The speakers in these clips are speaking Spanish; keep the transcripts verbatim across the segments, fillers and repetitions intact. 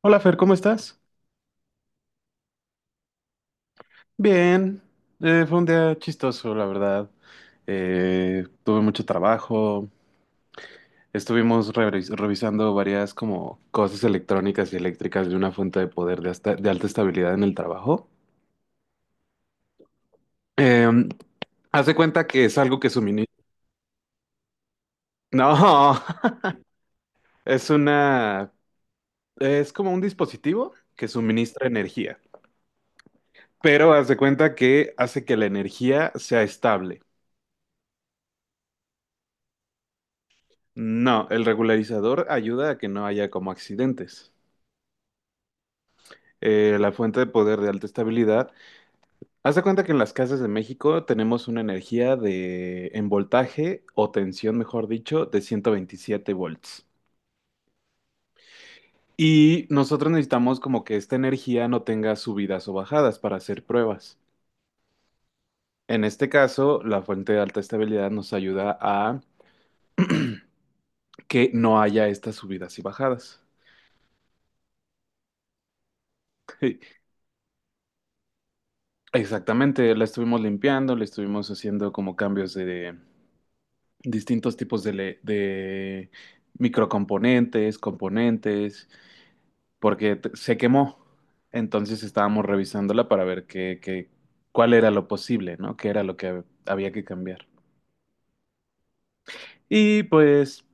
Hola Fer, ¿cómo estás? Bien, eh, fue un día chistoso, la verdad. Eh, tuve mucho trabajo, estuvimos revis- revisando varias como cosas electrónicas y eléctricas de una fuente de poder de, hasta- de alta estabilidad en el trabajo. Em, Haz de cuenta que es algo que suministra... No, es una... Es como un dispositivo que suministra energía, pero haz de cuenta que hace que la energía sea estable. No, el regularizador ayuda a que no haya como accidentes. Eh, la fuente de poder de alta estabilidad. Haz de cuenta que en las casas de México tenemos una energía de en voltaje o tensión, mejor dicho, de ciento veintisiete volts. Y nosotros necesitamos como que esta energía no tenga subidas o bajadas para hacer pruebas. En este caso, la fuente de alta estabilidad nos ayuda a que no haya estas subidas y bajadas. Exactamente, la estuvimos limpiando, le estuvimos haciendo como cambios de, distintos tipos de, le- de microcomponentes, componentes, porque t- se quemó. Entonces estábamos revisándola para ver qué, qué- cuál era lo posible, ¿no? Qué era lo que había que cambiar. Y pues,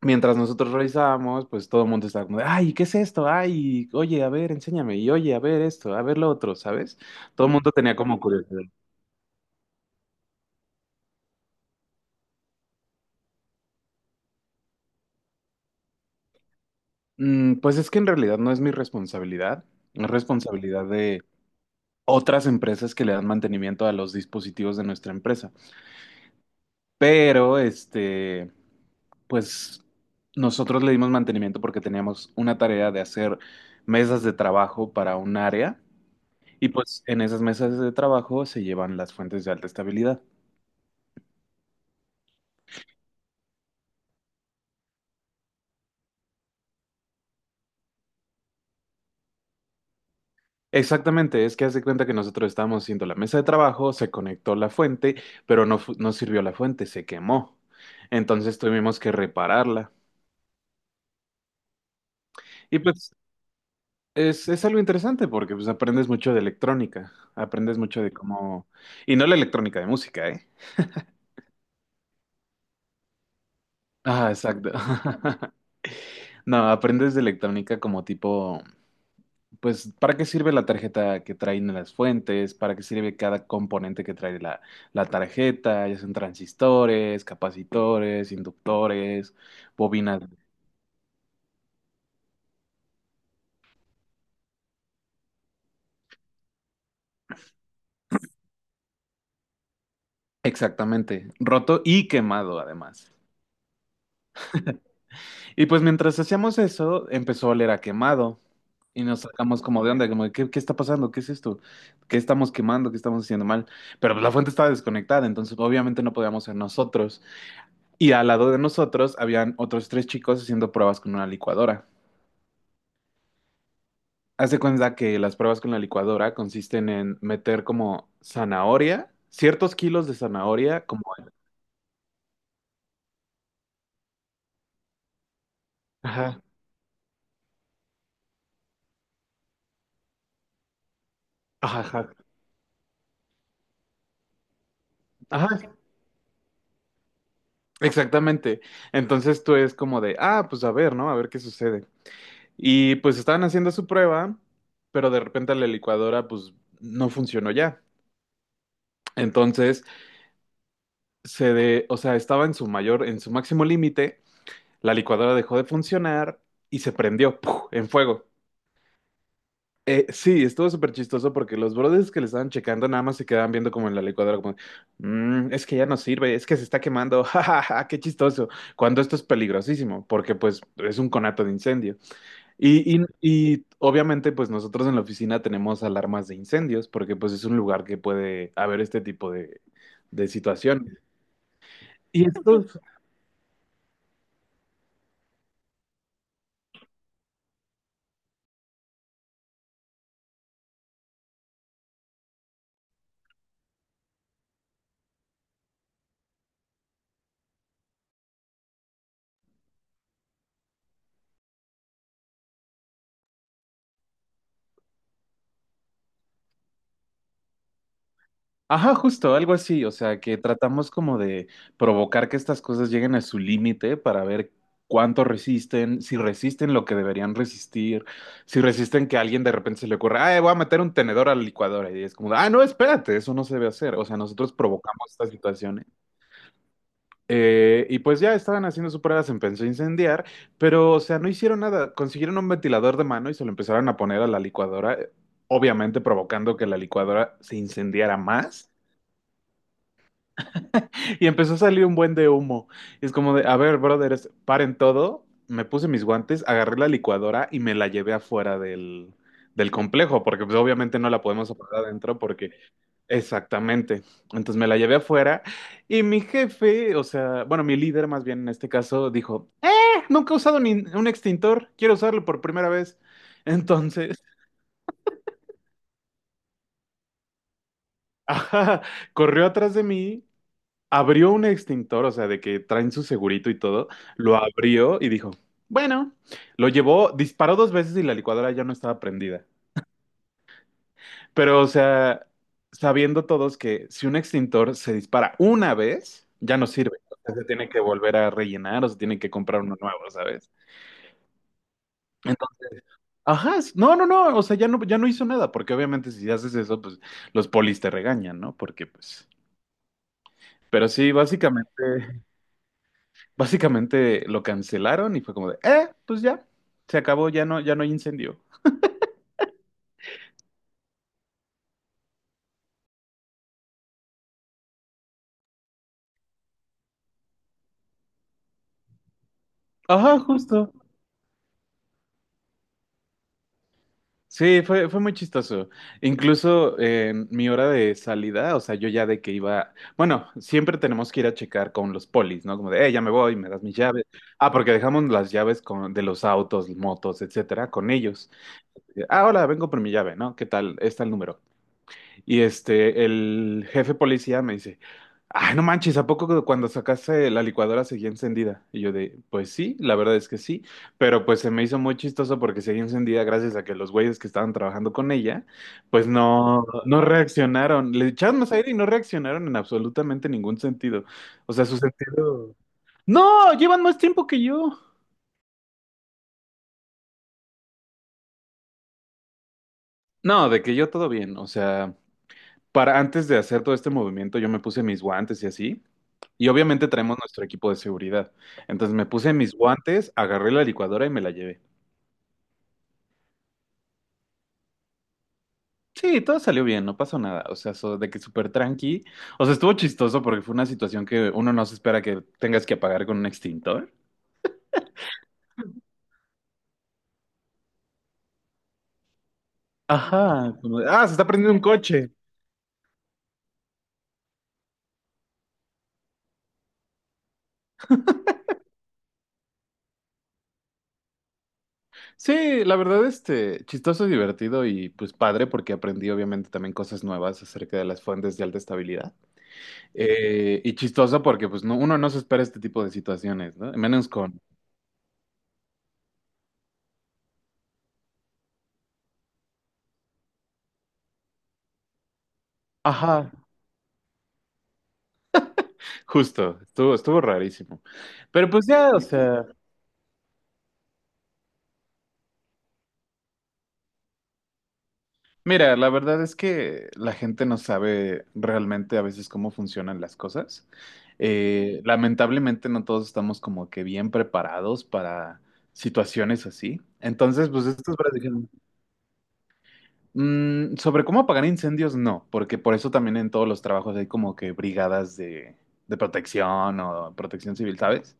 mientras nosotros revisábamos, pues todo el mundo estaba como de, ay, ¿qué es esto? Ay, oye, a ver, enséñame. Y oye, a ver esto, a ver lo otro, ¿sabes? Todo el mundo tenía como curiosidad. Mm, pues es que en realidad no es mi responsabilidad. Es responsabilidad otras empresas que le dan mantenimiento a los dispositivos de nuestra empresa. Pero, este, pues nosotros le dimos mantenimiento porque teníamos una tarea de hacer mesas de trabajo para un área y pues en esas mesas de trabajo se llevan las fuentes de alta estabilidad. Exactamente, es que hace cuenta que nosotros estábamos haciendo la mesa de trabajo, se conectó la fuente, pero no, fu- no sirvió la fuente, se quemó. Entonces tuvimos que repararla. Y pues Es, es algo interesante porque pues aprendes mucho de electrónica, aprendes mucho de cómo... Y no la electrónica de música, ¿eh? Ah, exacto. No, aprendes de electrónica como tipo, pues, ¿para qué sirve la tarjeta que traen las fuentes? ¿Para qué sirve cada componente que trae la, la tarjeta? Ya son transistores, capacitores, inductores, bobinas. Exactamente, roto y quemado además. Y pues mientras hacíamos eso, empezó a oler a quemado. Y nos sacamos como de onda, como, de, ¿qué, qué está pasando? ¿Qué es esto? ¿Qué estamos quemando? ¿Qué estamos haciendo mal? Pero pues, la fuente estaba desconectada, entonces obviamente no podíamos ser nosotros. Y al lado de nosotros habían otros tres chicos haciendo pruebas con una licuadora. Haz de cuenta que las pruebas con la licuadora consisten en meter como zanahoria, ciertos kilos de zanahoria, como... Ajá, ajá, ajá, ajá, exactamente. Entonces tú es como de, ah, pues a ver, ¿no? A ver qué sucede. Y pues estaban haciendo su prueba, pero de repente la licuadora pues no funcionó ya. Entonces, se de, o sea, estaba en su mayor, en su máximo límite, la licuadora dejó de funcionar y se prendió ¡puf! En fuego. Eh, sí, estuvo súper chistoso porque los brothers que le estaban checando nada más se quedaban viendo como en la licuadora, como, "Mm, es que ya no sirve, es que se está quemando, jajaja, qué chistoso, cuando esto es peligrosísimo, porque pues es un conato de incendio. Y, y- y obviamente, pues nosotros en la oficina tenemos alarmas de incendios, porque pues es un lugar que puede haber este tipo de, de situación. Y estos, ajá, justo, algo así, o sea, que tratamos como de provocar que estas cosas lleguen a su límite para ver cuánto resisten, si resisten lo que deberían resistir, si resisten que a alguien de repente se le ocurra, ah, voy a meter un tenedor a la licuadora, y es como, ah, no, espérate, eso no se debe hacer, o sea, nosotros provocamos estas situaciones. Eh, y pues ya estaban haciendo su prueba, se empezó a incendiar, pero o sea, no hicieron nada. Consiguieron un ventilador de mano y se lo empezaron a poner a la licuadora, eh, obviamente provocando que la licuadora se incendiara más. Y empezó a salir un buen de humo. Y es como de, a ver, brothers, paren todo. Me puse mis guantes, agarré la licuadora y me la llevé afuera del, del complejo, porque pues, obviamente no la podemos apagar adentro porque... Exactamente. Entonces me la llevé afuera y mi jefe, o sea, bueno, mi líder más bien en este caso, dijo, "Eh, nunca he usado ni- un extintor, quiero usarlo por primera vez. Entonces, ajá, corrió atrás de mí, abrió un extintor, o sea, de que traen su segurito y todo, lo abrió y dijo, bueno, lo llevó, disparó dos veces y la licuadora ya no estaba prendida. Pero, o sea, sabiendo todos que si un extintor se dispara una vez, ya no sirve. O sea, se tiene que volver a rellenar o se tiene que comprar uno nuevo, ¿sabes? Entonces, ajá, s- no, no, no, o sea, ya no, ya no hizo nada, porque obviamente si haces eso, pues los polis te regañan, ¿no? Porque, pues, pero sí, básicamente... Básicamente lo cancelaron y fue como de, eh, pues ya, se acabó, ya no, ya no hay incendio. Ajá, justo. Sí, fue, fue muy chistoso. Incluso en mi hora de salida, o sea, yo ya de que iba, bueno, siempre tenemos que ir a checar con los polis, ¿no? Como de, eh, ya me voy, me das mis llaves. Ah, porque dejamos las llaves con, de los autos, motos, etcétera, con ellos. Eh, Ah, hola, vengo por mi llave, ¿no? ¿Qué tal? Está el número. Y este, el jefe policía me dice, ay, no manches, ¿a poco cu- cuando sacaste la licuadora seguía encendida? Y yo de, pues sí, la verdad es que sí, pero pues se me hizo muy chistoso porque seguía encendida gracias a que los güeyes que estaban trabajando con ella, pues no, no reaccionaron, le echaron más aire y no reaccionaron en absolutamente ningún sentido. O sea, su sentido... No, llevan más tiempo que yo. No, de que yo todo bien, o sea... para antes de hacer todo este movimiento, yo me puse mis guantes y así. Y obviamente traemos nuestro equipo de seguridad. Entonces me puse mis guantes, agarré la licuadora y me la llevé. Sí, todo salió bien, no pasó nada. O sea, so- de que súper tranqui. O sea, estuvo chistoso porque fue una situación que uno no se espera que tengas que apagar con un extintor. Ajá, como de, ah, se está prendiendo un coche. Sí, la verdad, este, chistoso, divertido y pues padre porque aprendí obviamente también cosas nuevas acerca de las fuentes de alta estabilidad. Eh, y chistoso porque pues no, uno no se espera este tipo de situaciones, ¿no? Menos con... Ajá, justo, estuvo, estuvo rarísimo. Pero pues ya, o sea, mira, la verdad es que la gente no sabe realmente a veces cómo funcionan las cosas. Eh, lamentablemente no todos estamos como que bien preparados para situaciones así. Entonces, pues estos brasileños mm, sobre cómo apagar incendios, no, porque por eso también en todos los trabajos hay como que brigadas de, de protección o protección civil, ¿sabes?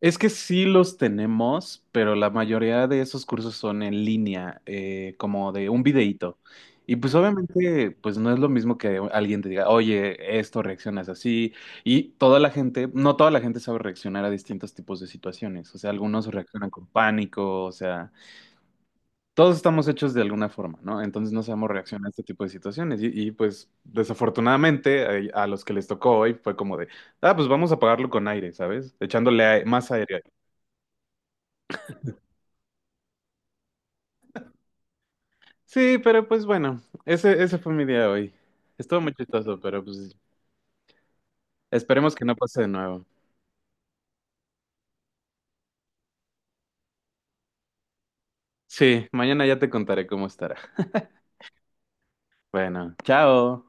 Es que sí los tenemos, pero la mayoría de esos cursos son en línea, eh, como de un videíto. Y pues obviamente, pues no es lo mismo que alguien te diga, oye, esto reaccionas así. Y toda la gente, no toda la gente sabe reaccionar a distintos tipos de situaciones. O sea, algunos reaccionan con pánico, o sea... todos estamos hechos de alguna forma, ¿no? Entonces no sabemos reaccionar a este tipo de situaciones. Y, y, pues desafortunadamente eh, a, los que les tocó hoy fue como de, ah, pues vamos a pagarlo con aire, ¿sabes? Echándole ae- más aire. Sí, pero pues bueno, ese, ese fue mi día hoy. Estuvo muy chistoso, pero pues esperemos que no pase de nuevo. Sí, mañana ya te contaré cómo estará. Bueno, chao.